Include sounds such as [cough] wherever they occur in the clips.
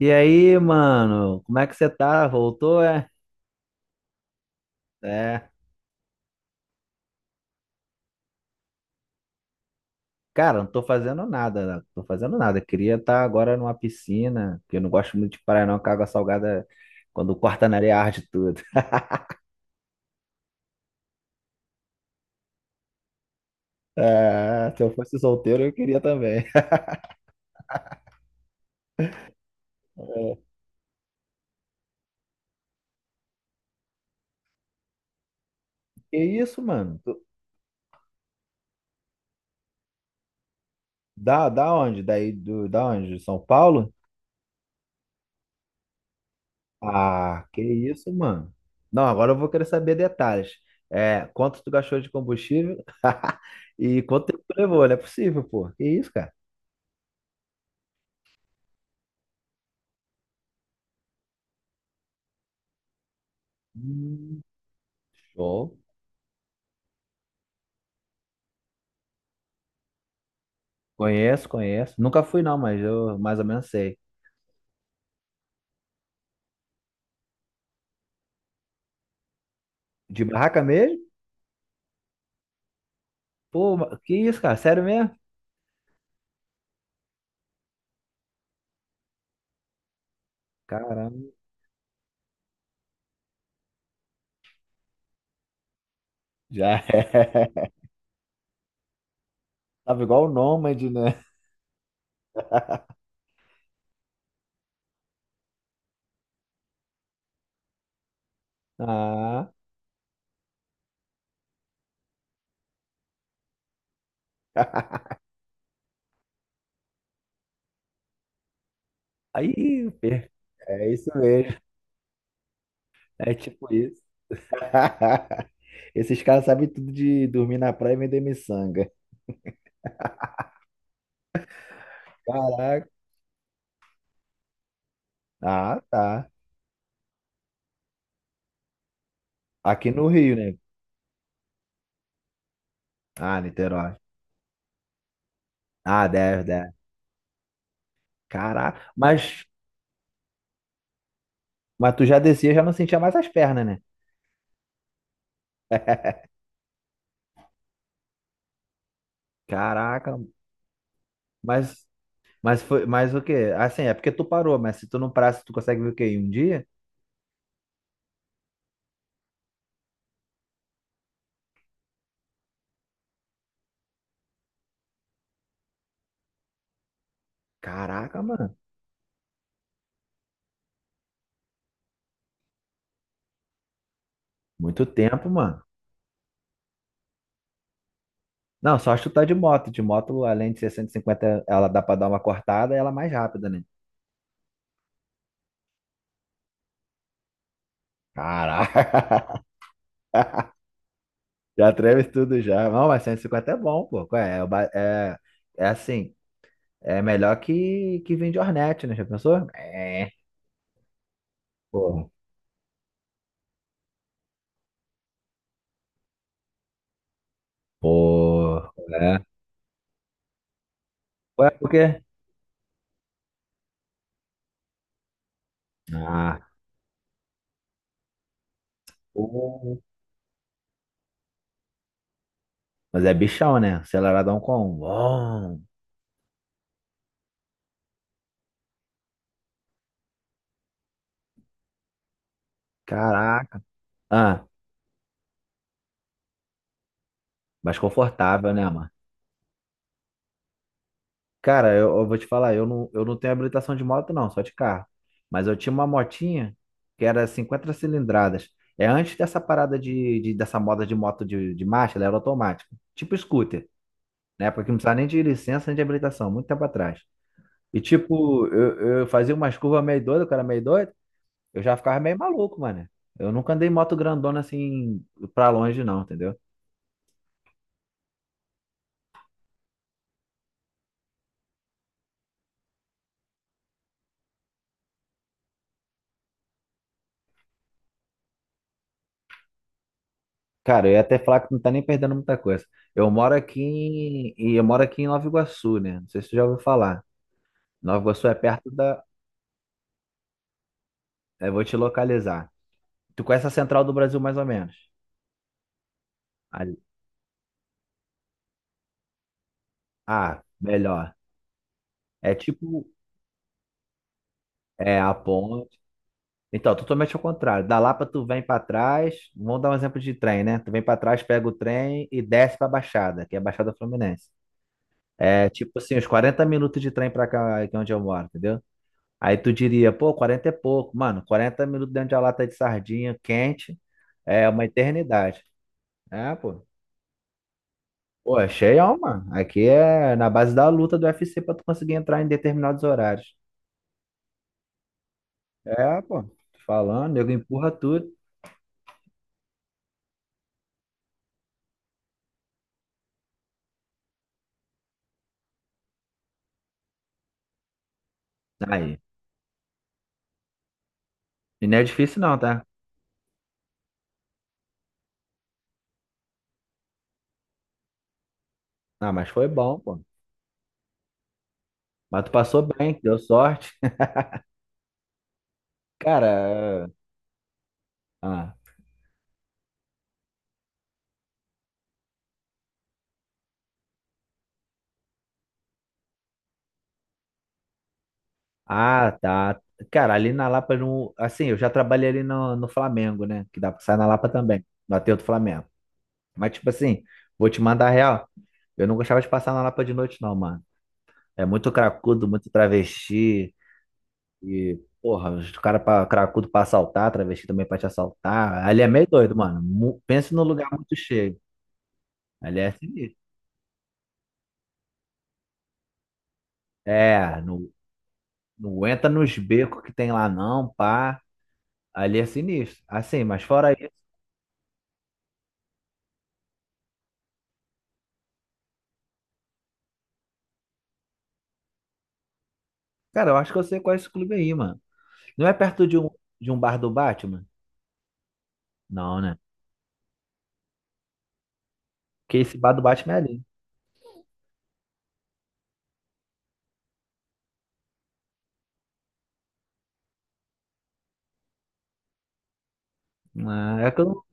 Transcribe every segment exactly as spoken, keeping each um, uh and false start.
E aí, mano, como é que você tá? Voltou, é? É. Cara, não tô fazendo nada, não tô fazendo nada. Queria estar agora numa piscina, porque eu não gosto muito de praia, não, que a água salgada, quando corta na areia, arde tudo. [laughs] É, se eu fosse solteiro, eu queria também. Que isso, mano? Tu- Da, da onde? Daí do, da onde? De São Paulo? Ah, que isso, mano? Não, agora eu vou querer saber detalhes. É, quanto tu gastou de combustível? [laughs] E quanto tempo tu levou? Não é possível, pô. Que isso, cara? Hum. Show. Conheço, conheço. Nunca fui não, mas eu mais ou menos sei. De barraca mesmo? Pô, ma- que isso, cara? Sério mesmo? Caramba, já é. [laughs] Tava igual o Nômade, né? Ah, aí, per- é isso mesmo. É tipo isso. [laughs] Esses caras sabem tudo de dormir na praia e vender miçanga. Caraca. Ah, tá. Aqui no Rio, né? Ah, Niterói. Ah, deve, deve. Caraca. Mas, mas tu já descia, já não sentia mais as pernas, né? Caraca, Mas, mas foi, mas o quê? Assim, é porque tu parou, mas se tu não parar, se tu consegue ver o quê? Em um dia? Caraca, mano. Muito tempo, mano. Não, só chutar de moto. De moto, além de ser cento e cinquenta ela dá pra dar uma cortada e ela é mais rápida, né? Caraca. [laughs] Já treme tudo já. Não, mas cento e cinquenta é bom, pô. Qual É, É o ba- é, é assim, é melhor que, que vir de Hornet, né? Já pensou? É, pô. Pô, é. Ué, por quê? Ah. Mas é bichão, né? Aceleradão com um. Bom. Caraca. Ah, mais confortável, né, mano? Cara, eu, eu vou te falar, eu não, eu não tenho habilitação de moto, não, só de carro. Mas eu tinha uma motinha que era cinquenta cilindradas. É antes dessa parada de, de- dessa moda de moto de, de marcha, ela era automática. Tipo scooter, né? Porque não precisava nem de licença nem de habilitação, muito tempo atrás. E tipo, eu, eu fazia umas curvas meio doido, o cara meio doido, eu já ficava meio maluco, mano. Eu nunca andei em moto grandona assim pra longe, não, entendeu? Cara, eu ia até falar que não tá nem perdendo muita coisa. Eu moro aqui em, e eu moro aqui em Nova Iguaçu, né? Não sei se tu já ouviu falar. Nova Iguaçu é perto da. Eu vou te localizar. Tu conhece a Central do Brasil mais ou menos? Ali- Ah, melhor. É tipo. É a ponte. Então, totalmente ao contrário. Da Lapa tu vem pra trás. Vamos dar um exemplo de trem, né? Tu vem pra trás, pega o trem e desce pra Baixada, que é a Baixada Fluminense. É tipo assim, uns quarenta minutos de trem pra cá, que é onde eu moro, entendeu? Aí tu diria, pô, quarenta é pouco. Mano, quarenta minutos dentro de uma lata de sardinha quente é uma eternidade. É, pô. Pô, é cheião, mano. Aqui é na base da luta do UFC pra tu conseguir entrar em determinados horários. É, pô. Tô falando, nego empurra tudo. Aí. E não é difícil não, tá? Ah, mas foi bom, pô. Mas tu passou bem, deu sorte. [laughs] Cara, ah, ah, tá. Cara, ali na Lapa, não, assim, eu já trabalhei ali no, no Flamengo, né? Que dá pra sair na Lapa também, no Aterro do Flamengo. Mas, tipo assim, vou te mandar real. Eu não gostava de passar na Lapa de noite, não, mano. É muito cracudo, muito travesti. E, porra, os cara pra cracudo pra assaltar, travesti também pra te assaltar. Ali é meio doido, mano. Mu- Pensa num lugar muito cheio. Ali é sinistro. É, não, não entra nos becos que tem lá, não, pá. Ali é sinistro. Assim, mas fora isso, cara, eu acho que eu sei qual é esse clube aí, mano. Não é perto de um, de um bar do Batman? Não, né? Porque esse bar do Batman é ali. Ah, é que eu.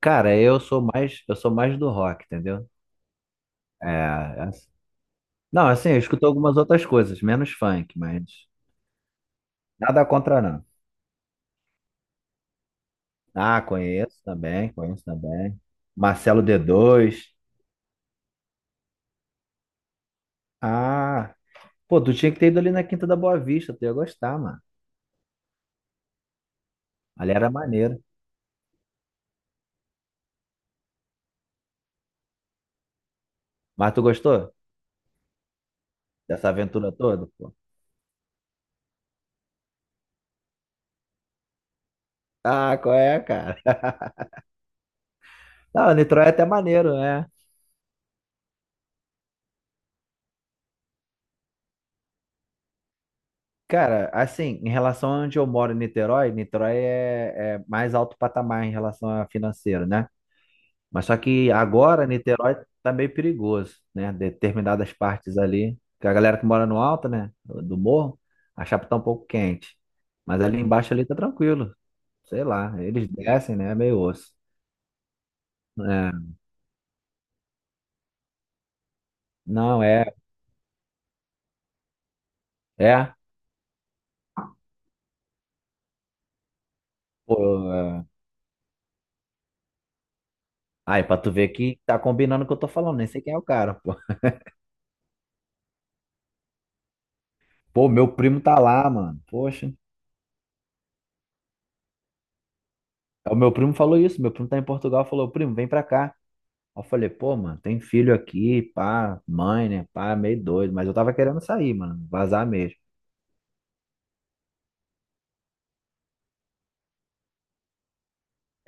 Cara, eu sou mais, eu sou mais do rock, entendeu? É, é- assim. Não, assim, eu escuto algumas outras coisas, menos funk, mas nada contra não. Ah, conheço também, conheço também. Marcelo D dois. Ah, pô, tu tinha que ter ido ali na Quinta da Boa Vista, tu ia gostar, mano. Ali era maneiro. Mas tu gostou dessa aventura toda, pô? Ah, qual é, cara? [laughs] Não, Niterói é até maneiro, né? Cara, assim, em relação a onde eu moro, em Niterói, Niterói é, é mais alto patamar em relação a financeiro, né? Mas só que agora Niterói tá meio perigoso, né? Determinadas partes ali, que a galera que mora no alto, né, do morro, a chapa tá um pouco quente. Mas ali embaixo ali tá tranquilo, sei lá, eles descem, né, é meio osso. É, não, é, é, pô, é. Aí, pra tu ver que tá combinando o que eu tô falando, nem sei quem é o cara, pô. Pô, meu primo tá lá, mano, poxa. O meu primo falou isso, meu primo tá em Portugal, falou, primo, vem pra cá. Aí eu falei, pô, mano, tem filho aqui, pá, mãe, né? Pá, meio doido. Mas eu tava querendo sair, mano, vazar mesmo.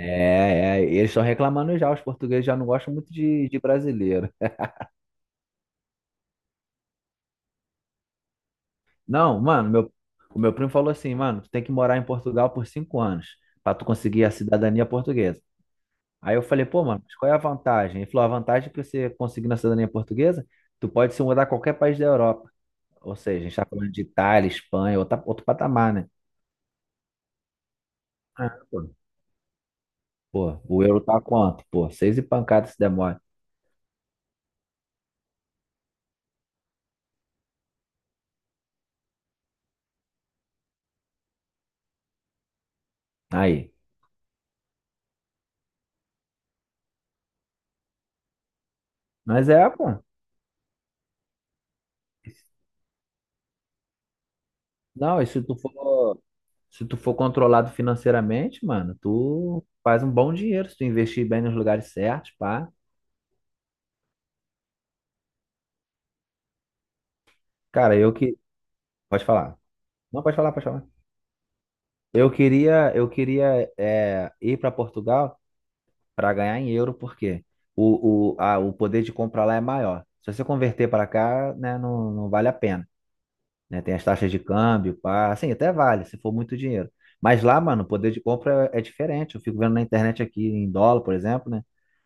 É, é, eles estão reclamando já, os portugueses já não gostam muito de, de brasileiro. Não, mano, meu, o meu primo falou assim, mano, tu tem que morar em Portugal por cinco anos pra tu conseguir a cidadania portuguesa. Aí eu falei, pô, mano, mas qual é a vantagem? Ele falou, a vantagem é que você conseguindo a cidadania portuguesa, tu pode se mudar a qualquer país da Europa. Ou seja, a gente tá falando de Itália, Espanha, outra, outro patamar, né? Ah, pô. Pô, o euro tá quanto? Pô, seis e pancada se demora. Aí. Mas é, pô. Não, e se tu for, se tu for controlado financeiramente, mano, tu faz um bom dinheiro se tu investir bem nos lugares certos, pá. Cara, eu que. Pode falar. Não, pode falar, pode falar. Eu queria, eu queria é, ir para Portugal para ganhar em euro, porque o, o, a, o poder de compra lá é maior. Se você converter para cá, né, não, não vale a pena. Né? Tem as taxas de câmbio, pá, assim, até vale, se for muito dinheiro. Mas lá, mano, o poder de compra é é diferente. Eu fico vendo na internet aqui em dólar, por exemplo, né?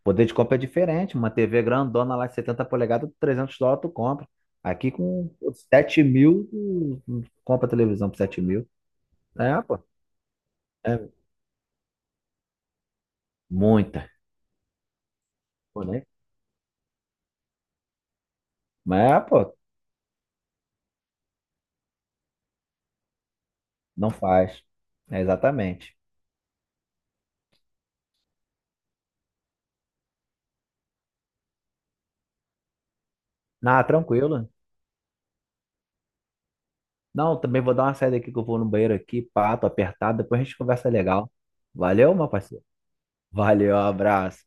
O poder de compra é diferente. Uma T V grandona lá de setenta polegadas, trezentos dólares tu compra. Aqui com sete mil, tu tu compra televisão por sete mil. É, pô, é muita. Pô, né? Mas, é, pô, não faz. É exatamente. Ah, tranquilo. Não, também vou dar uma saída aqui que eu vou no banheiro aqui, pato apertado. Depois a gente conversa legal. Valeu, meu parceiro. Valeu, abraço.